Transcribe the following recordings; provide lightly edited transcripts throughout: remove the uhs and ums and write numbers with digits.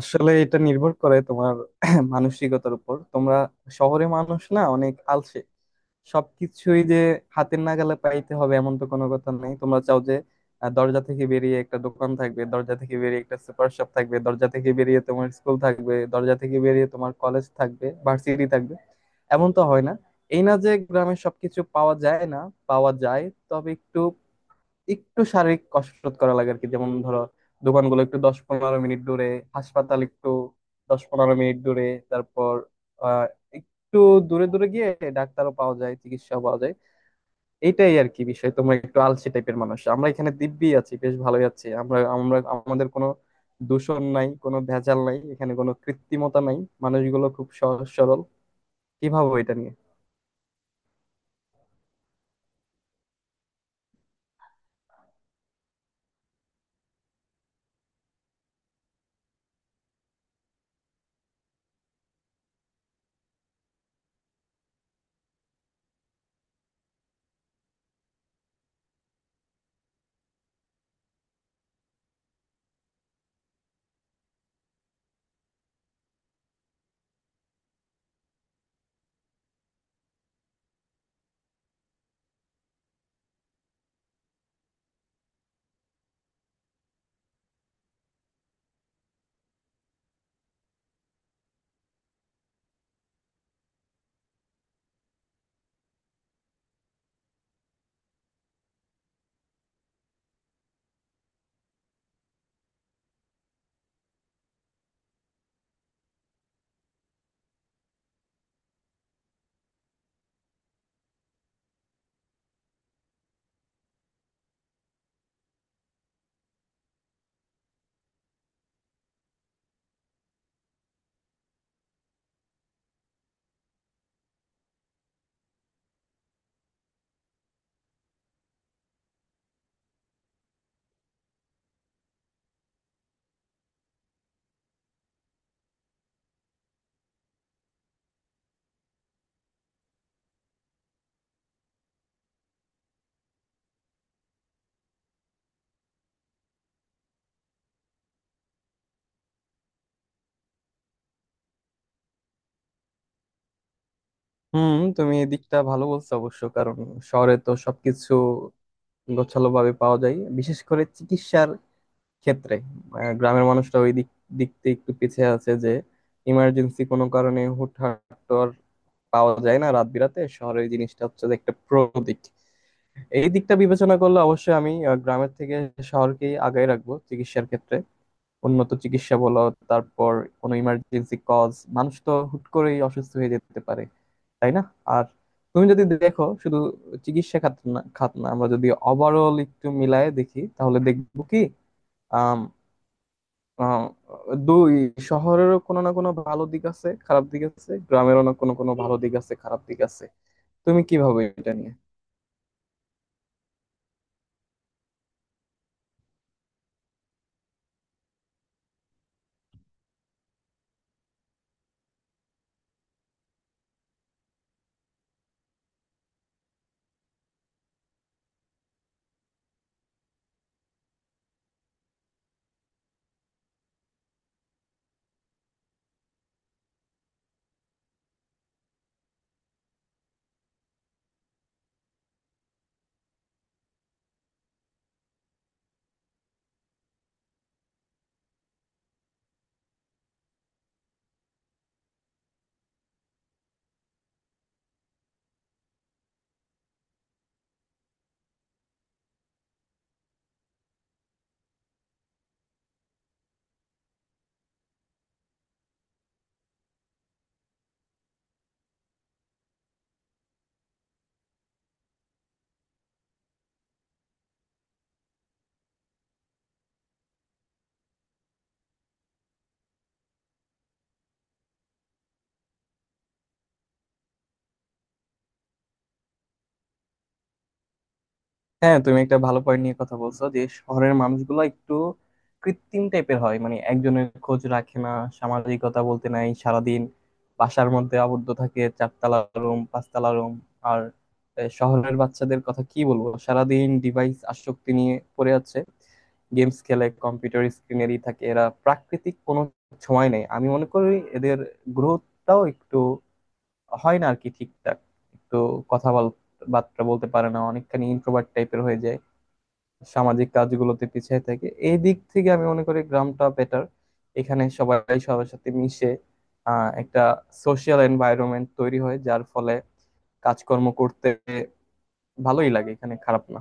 আসলে এটা নির্ভর করে তোমার মানসিকতার উপর। তোমরা শহরে মানুষ না, অনেক আলসে। সবকিছুই যে হাতের নাগালে পাইতে হবে এমন তো কোনো কথা নেই। তোমরা চাও যে দরজা থেকে বেরিয়ে একটা দোকান থাকবে, দরজা থেকে বেরিয়ে একটা সুপার শপ থাকবে, দরজা থেকে বেরিয়ে তোমার স্কুল থাকবে, দরজা থেকে বেরিয়ে তোমার কলেজ থাকবে, ভার্সিটি থাকবে। এমন তো হয় না। এই না যে গ্রামে সবকিছু পাওয়া যায় না, পাওয়া যায়। তবে একটু একটু শারীরিক কসরত করা লাগে আর কি। যেমন ধরো, দোকানগুলো একটু 10-15 মিনিট দূরে, হাসপাতাল একটু 10-15 মিনিট দূরে। তারপর আহ একটু দূরে দূরে গিয়ে ডাক্তারও পাওয়া যায়, চিকিৎসাও পাওয়া যায়। এইটাই আর কি বিষয়, তোমরা একটু আলসে টাইপের মানুষ। আমরা এখানে দিব্যি আছি, বেশ ভালোই আছি। আমরা আমরা আমাদের কোনো দূষণ নাই, কোনো ভেজাল নাই, এখানে কোনো কৃত্রিমতা নাই। মানুষগুলো খুব সহজ সরল। কি ভাবো এটা নিয়ে? হুম, তুমি এই দিকটা ভালো বলছো অবশ্য। কারণ শহরে তো সবকিছু গোছালোভাবে পাওয়া যায়, বিশেষ করে চিকিৎসার ক্ষেত্রে। গ্রামের মানুষরা ওই দিক দিক থেকে একটু পিছিয়ে আছে। যে ইমার্জেন্সি কোনো কারণে হুটহাট তো আর পাওয়া যায় না রাত বিরাতে। শহরে এই জিনিসটা হচ্ছে যে একটা প্রো দিক। এই দিকটা বিবেচনা করলে অবশ্যই আমি গ্রামের থেকে শহরকেই আগায় রাখবো চিকিৎসার ক্ষেত্রে। উন্নত চিকিৎসা বলো, তারপর কোনো ইমার্জেন্সি কজ, মানুষ তো হুট করেই অসুস্থ হয়ে যেতে পারে, তাই না? আর তুমি যদি দেখো, শুধু চিকিৎসা খাত না আমরা যদি ওভারঅল একটু মিলায় দেখি, তাহলে দেখবো কি আম, আম, দুই শহরেরও কোনো না কোনো ভালো দিক আছে, খারাপ দিক আছে; গ্রামেরও কোনো কোনো ভালো দিক আছে, খারাপ দিক আছে। তুমি কি ভাবো এটা নিয়ে? হ্যাঁ, তুমি একটা ভালো পয়েন্ট নিয়ে কথা বলছো যে শহরের মানুষগুলো একটু কৃত্রিম টাইপের হয়। মানে একজনের খোঁজ রাখে না, সামাজিকতা বলতে নাই। সারাদিন বাসার মধ্যে আবদ্ধ থাকে, চারতলা রুম, পাঁচতলা রুম। আর শহরের বাচ্চাদের কথা কি বলবো, সারাদিন ডিভাইস আসক্তি নিয়ে পড়ে আছে, গেমস খেলে, কম্পিউটার স্ক্রিনেরই থাকে। এরা প্রাকৃতিক কোনো সময় নেই। আমি মনে করি এদের গ্রোথটাও একটু হয় না আর কি ঠিকঠাক। একটু কথা বল- বার্তা বলতে পারে না, অনেকখানি ইন্ট্রোভার্ট টাইপের হয়ে যায়, সামাজিক কাজগুলোতে পিছিয়ে থাকে। এই দিক থেকে আমি মনে করি গ্রামটা বেটার। এখানে সবাই সবার সাথে মিশে, একটা সোশিয়াল এনভায়রনমেন্ট তৈরি হয়, যার ফলে কাজকর্ম করতে ভালোই লাগে। এখানে খারাপ না।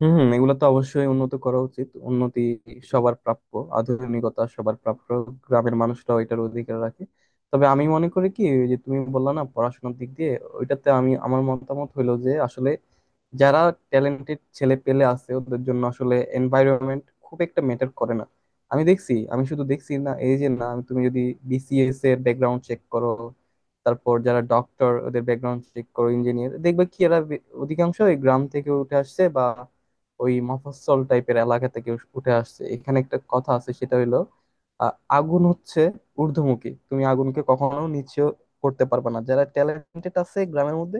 হম, এগুলো তো অবশ্যই উন্নত করা উচিত। উন্নতি সবার প্রাপ্য, আধুনিকতা সবার প্রাপ্য, গ্রামের মানুষরাও এটার অধিকার রাখে। তবে আমি মনে করি কি, ওই যে তুমি বললা না পড়াশোনার দিক দিয়ে, ওইটাতে আমি, আমার মতামত হলো যে আসলে যারা ট্যালেন্টেড ছেলে পেলে আছে ওদের জন্য আসলে এনভায়রনমেন্ট খুব একটা ম্যাটার করে না। আমি দেখছি, আমি শুধু দেখছি না, এই যে না তুমি যদি বিসিএস এর ব্যাকগ্রাউন্ড চেক করো, তারপর যারা ডক্টর ওদের ব্যাকগ্রাউন্ড চেক করো, ইঞ্জিনিয়ার, দেখবে কি এরা অধিকাংশই গ্রাম থেকে উঠে আসছে, বা ওই মফস্বল টাইপের এলাকা থেকে উঠে আসছে। এখানে একটা কথা আছে, সেটা হইলো আ, আগুন হচ্ছে ঊর্ধ্বমুখী, তুমি আগুনকে কখনো নিচে করতে পারবে না। যারা ট্যালেন্টেড আছে গ্রামের মধ্যে,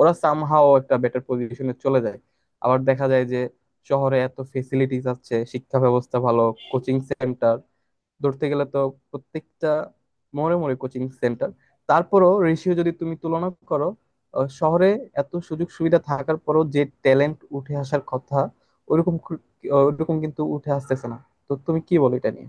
ওরা সামহাও একটা বেটার পজিশনে চলে যায়। আবার দেখা যায় যে শহরে এত ফেসিলিটিস আছে, শিক্ষা ব্যবস্থা ভালো, কোচিং সেন্টার ধরতে গেলে তো প্রত্যেকটা মোড়ে মোড়ে কোচিং সেন্টার। তারপরও রেশিও যদি তুমি তুলনা করো, শহরে এত সুযোগ সুবিধা থাকার পরও যে ট্যালেন্ট উঠে আসার কথা, ওইরকম খু- ওইরকম কিন্তু উঠে আসতেছে না। তো তুমি কি বলো এটা নিয়ে?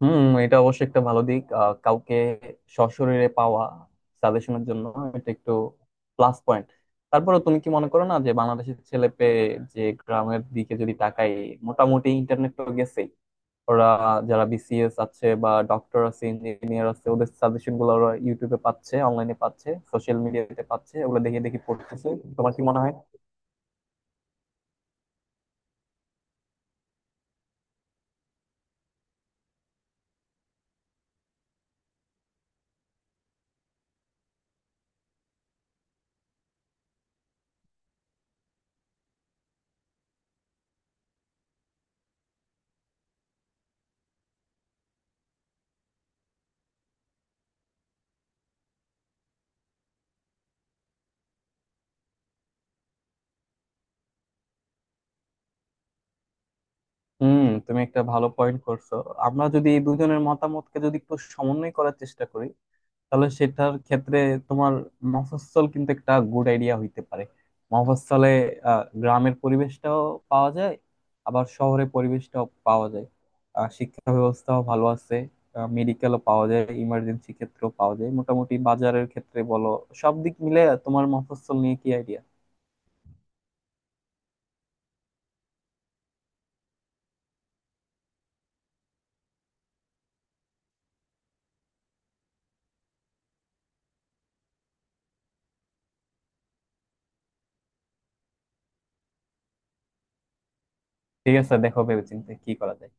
হুম, এটা অবশ্যই একটা ভালো দিক। কাউকে সশরীরে পাওয়া সাজেশনের জন্য, এটা একটু প্লাস পয়েন্ট। তারপরে তুমি কি মনে করো না যে বাংলাদেশের ছেলে পেয়ে, যে গ্রামের দিকে যদি তাকাই, মোটামুটি ইন্টারনেট তো গেছেই। ওরা যারা বিসিএস আছে, বা ডক্টর আছে, ইঞ্জিনিয়ার আছে, ওদের সাজেশন গুলো ওরা ইউটিউবে পাচ্ছে, অনলাইনে পাচ্ছে, সোশ্যাল মিডিয়াতে পাচ্ছে, ওগুলো দেখে দেখে পড়তেছে। তোমার কি মনে হয়? হুম, তুমি একটা ভালো পয়েন্ট করছো। আমরা যদি এই দুজনের মতামতকে যদি একটু সমন্বয় করার চেষ্টা করি, তাহলে সেটার ক্ষেত্রে তোমার মফস্বল কিন্তু একটা গুড আইডিয়া হইতে পারে। মফস্বলে গ্রামের পরিবেশটাও পাওয়া যায়, আবার শহরে পরিবেশটাও পাওয়া যায়। শিক্ষা ব্যবস্থাও ভালো আছে, মেডিকেলও পাওয়া যায়, ইমার্জেন্সি ক্ষেত্রেও পাওয়া যায়, মোটামুটি বাজারের ক্ষেত্রে বলো, সব দিক মিলে তোমার মফস্বল নিয়ে কি আইডিয়া? ঠিক আছে, দেখো ভেবেচিন্তে কি করা যায়।